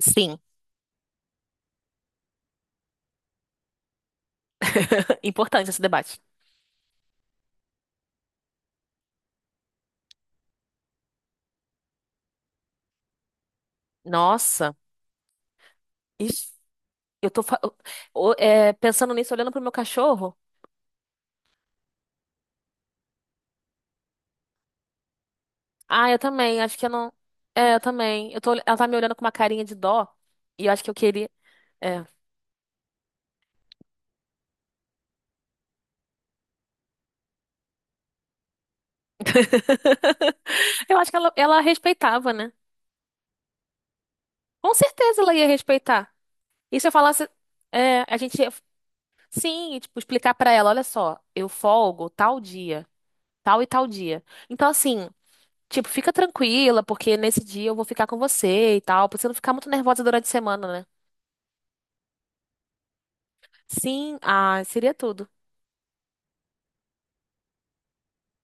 Sim, importante esse debate. Nossa, isso, eu tô fa- eu- o- é, pensando nisso, olhando pro meu cachorro. Ah, eu também, acho que eu não. É, eu também. Ela tá me olhando com uma carinha de dó e eu acho que eu queria. É. Eu acho que ela respeitava, né? Com certeza ela ia respeitar. E se eu falasse. É, a gente ia. Sim, e, tipo, explicar pra ela: olha só, eu folgo tal dia, tal e tal dia. Então, assim. Tipo, fica tranquila, porque nesse dia eu vou ficar com você e tal, pra você não ficar muito nervosa durante a semana, né? Sim, ah, seria tudo.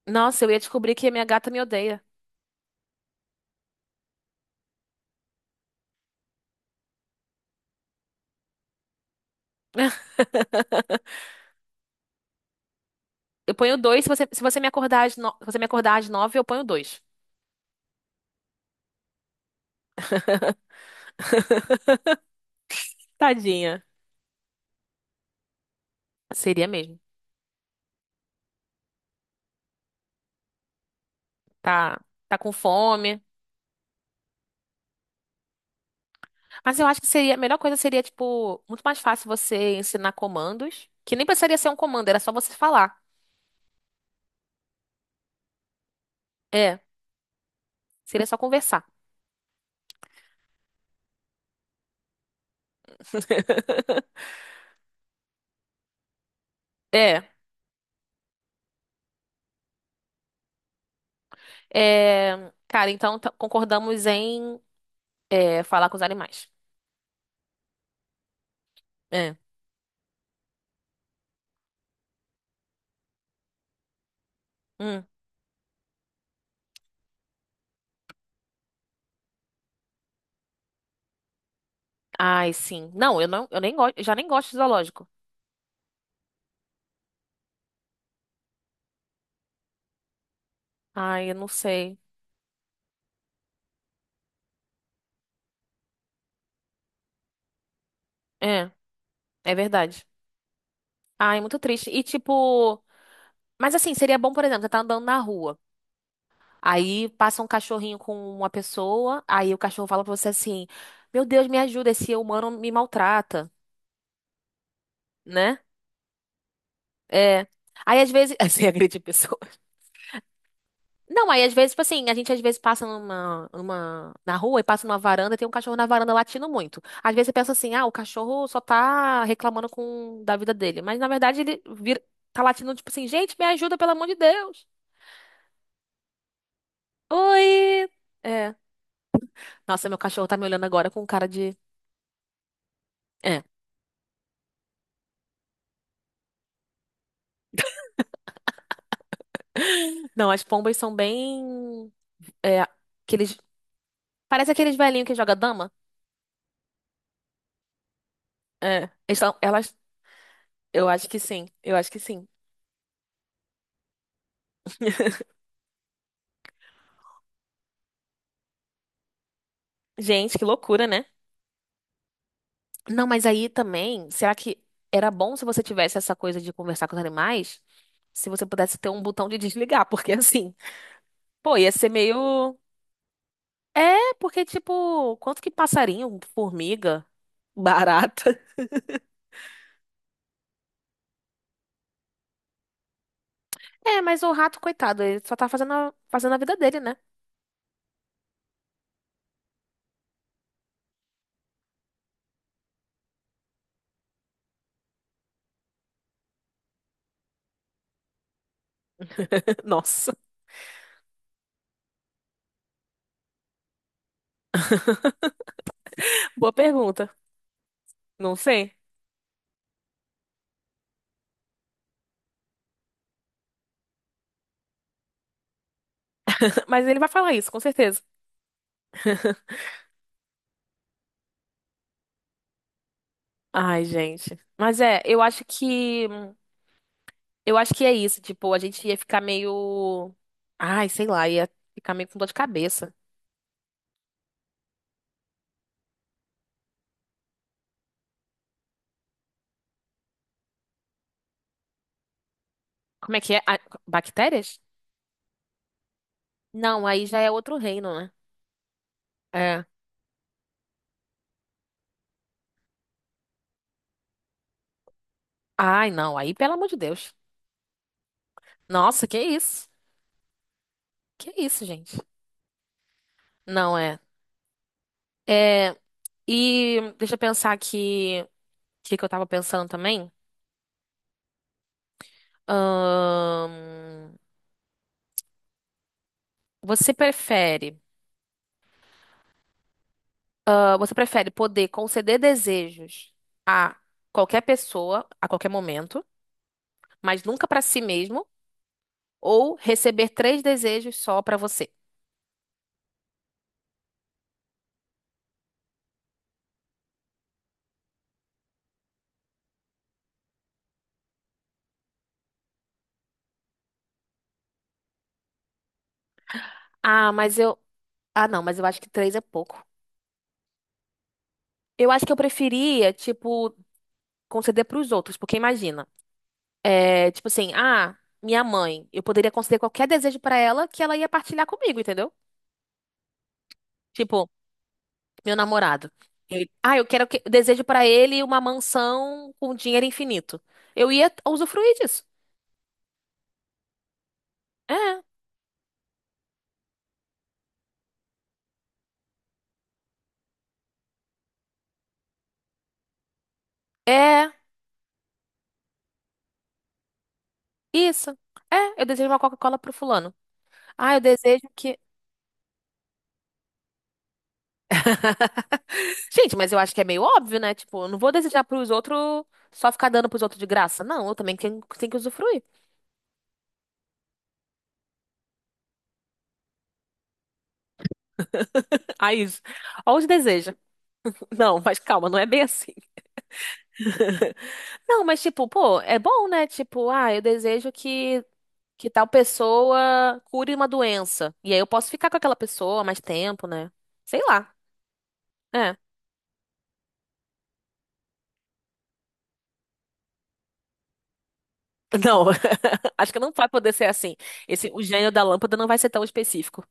Nossa, eu ia descobrir que a minha gata me odeia. Eu ponho dois, se você me acordar às no... se você me acordar às nove, eu ponho dois. Tadinha. Seria mesmo. Tá, tá com fome. Mas eu acho que seria, a melhor coisa seria, tipo, muito mais fácil você ensinar comandos, que nem precisaria ser um comando, era só você falar. É, seria só conversar. É, é, cara, então concordamos em falar com os animais. É. Hum. Ai, sim. Não, eu nem gosto, já nem gosto de zoológico. Ai, eu não sei. É, é verdade. Ai, muito triste. E tipo, mas assim, seria bom, por exemplo, você tá andando na rua. Aí passa um cachorrinho com uma pessoa, aí o cachorro fala pra você assim: "Meu Deus, me ajuda, esse humano me maltrata", né? É. Aí às vezes, assim, agride pessoas. Não, aí às vezes, tipo assim, a gente às vezes passa na rua e passa numa varanda e tem um cachorro na varanda latindo muito. Às vezes você pensa assim, ah, o cachorro só tá reclamando com, da vida dele. Mas na verdade ele vira, tá latindo tipo assim, gente, me ajuda, pelo amor de Deus. Oi! É. Nossa, meu cachorro tá me olhando agora com cara de. É. Não, as pombas são bem. É. Aqueles. Parece aqueles velhinhos que joga dama. É. Elas. Eu acho que sim. Eu acho que sim. Gente, que loucura, né? Não, mas aí também, será que era bom se você tivesse essa coisa de conversar com os animais? Se você pudesse ter um botão de desligar, porque assim, pô, ia ser meio. É, porque tipo, quanto que passarinho, formiga, barata. É, mas o rato, coitado, ele só tá fazendo fazendo a vida dele, né? Nossa, boa pergunta. Não sei. Mas ele vai falar isso, com certeza. Ai, gente. Mas é, eu acho que é isso, tipo, a gente ia ficar meio. Ai, sei lá, ia ficar meio com dor de cabeça. Como é que é? Ah, bactérias? Não, aí já é outro reino, né? É. Ai, não, aí pelo amor de Deus. Nossa, que isso? Que isso, gente? Não é. É. E deixa eu pensar que. O que que eu tava pensando também? Ahn, Você prefere. Ah, você prefere poder conceder desejos a qualquer pessoa, a qualquer momento, mas nunca pra si mesmo? Ou receber três desejos só pra você. Ah, mas eu. Ah, não, mas eu acho que três é pouco. Eu acho que eu preferia, tipo, conceder pros outros, porque imagina. É, tipo assim, ah, minha mãe. Eu poderia conceder qualquer desejo pra ela que ela ia partilhar comigo, entendeu? Tipo, meu namorado. Ah, eu quero que desejo pra ele uma mansão com dinheiro infinito. Eu ia usufruir disso. É, é, isso. É, eu desejo uma Coca-Cola pro fulano. Ah, eu desejo que gente, mas eu acho que é meio óbvio, né? Tipo, eu não vou desejar pros outros só ficar dando pros outros de graça. Não, tenho que usufruir. Aí, olha os desejos. Não, mas calma, não é bem assim. Não, mas tipo, pô, é bom, né? Tipo, ah, que tal pessoa cure uma doença. E aí eu posso ficar com aquela pessoa mais tempo, né? Sei lá. É. Não, acho que não vai poder ser assim. Esse, o gênio da lâmpada não vai ser tão específico.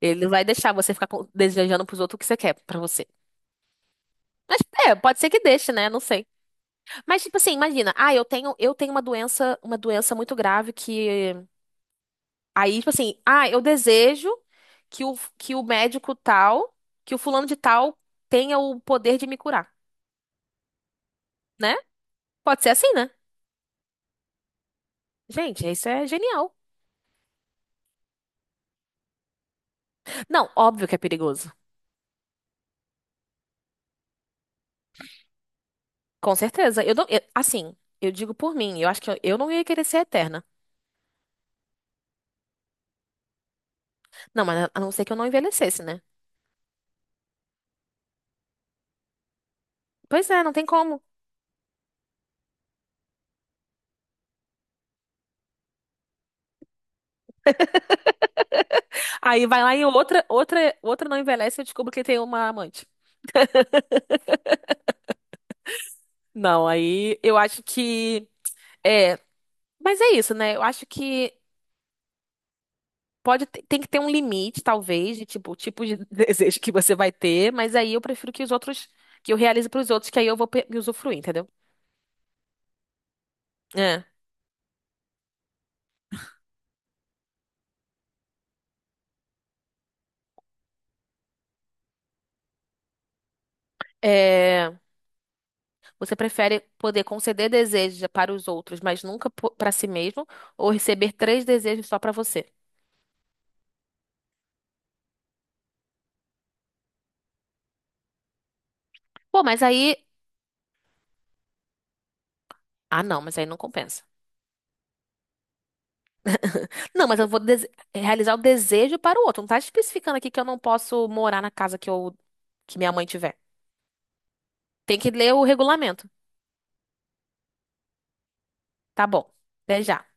Ele não vai deixar você ficar desejando pros outros o que você quer pra você. Mas é, pode ser que deixe, né? Não sei. Mas, tipo assim, imagina, ah, eu tenho uma doença muito grave que. Aí, tipo assim, ah, eu desejo que que o médico tal, que o fulano de tal tenha o poder de me curar, né? Pode ser assim, né? Gente, isso é genial. Não, óbvio que é perigoso. Com certeza. Eu não, eu- assim, eu digo por mim, eu acho que eu não ia querer ser eterna. Não, mas a não ser que eu não envelhecesse, né? Pois é, não tem como. Aí vai lá e outra não envelhece e eu descubro que tem uma amante. Não, aí eu acho que. É, mas é isso, né? Eu acho que tem que ter um limite, talvez, de tipo, o tipo de desejo que você vai ter, mas aí eu prefiro que os outros, que eu realize pros outros, que aí me usufruir, entendeu? É. É, você prefere poder conceder desejos para os outros, mas nunca pra si mesmo, ou receber três desejos só pra você? Pô, mas aí. Ah, não, mas aí não compensa. Não, mas eu vou realizar o desejo para o outro. Não tá especificando aqui que eu não posso morar na casa que minha mãe tiver. Tem que ler o regulamento. Tá bom. Até já.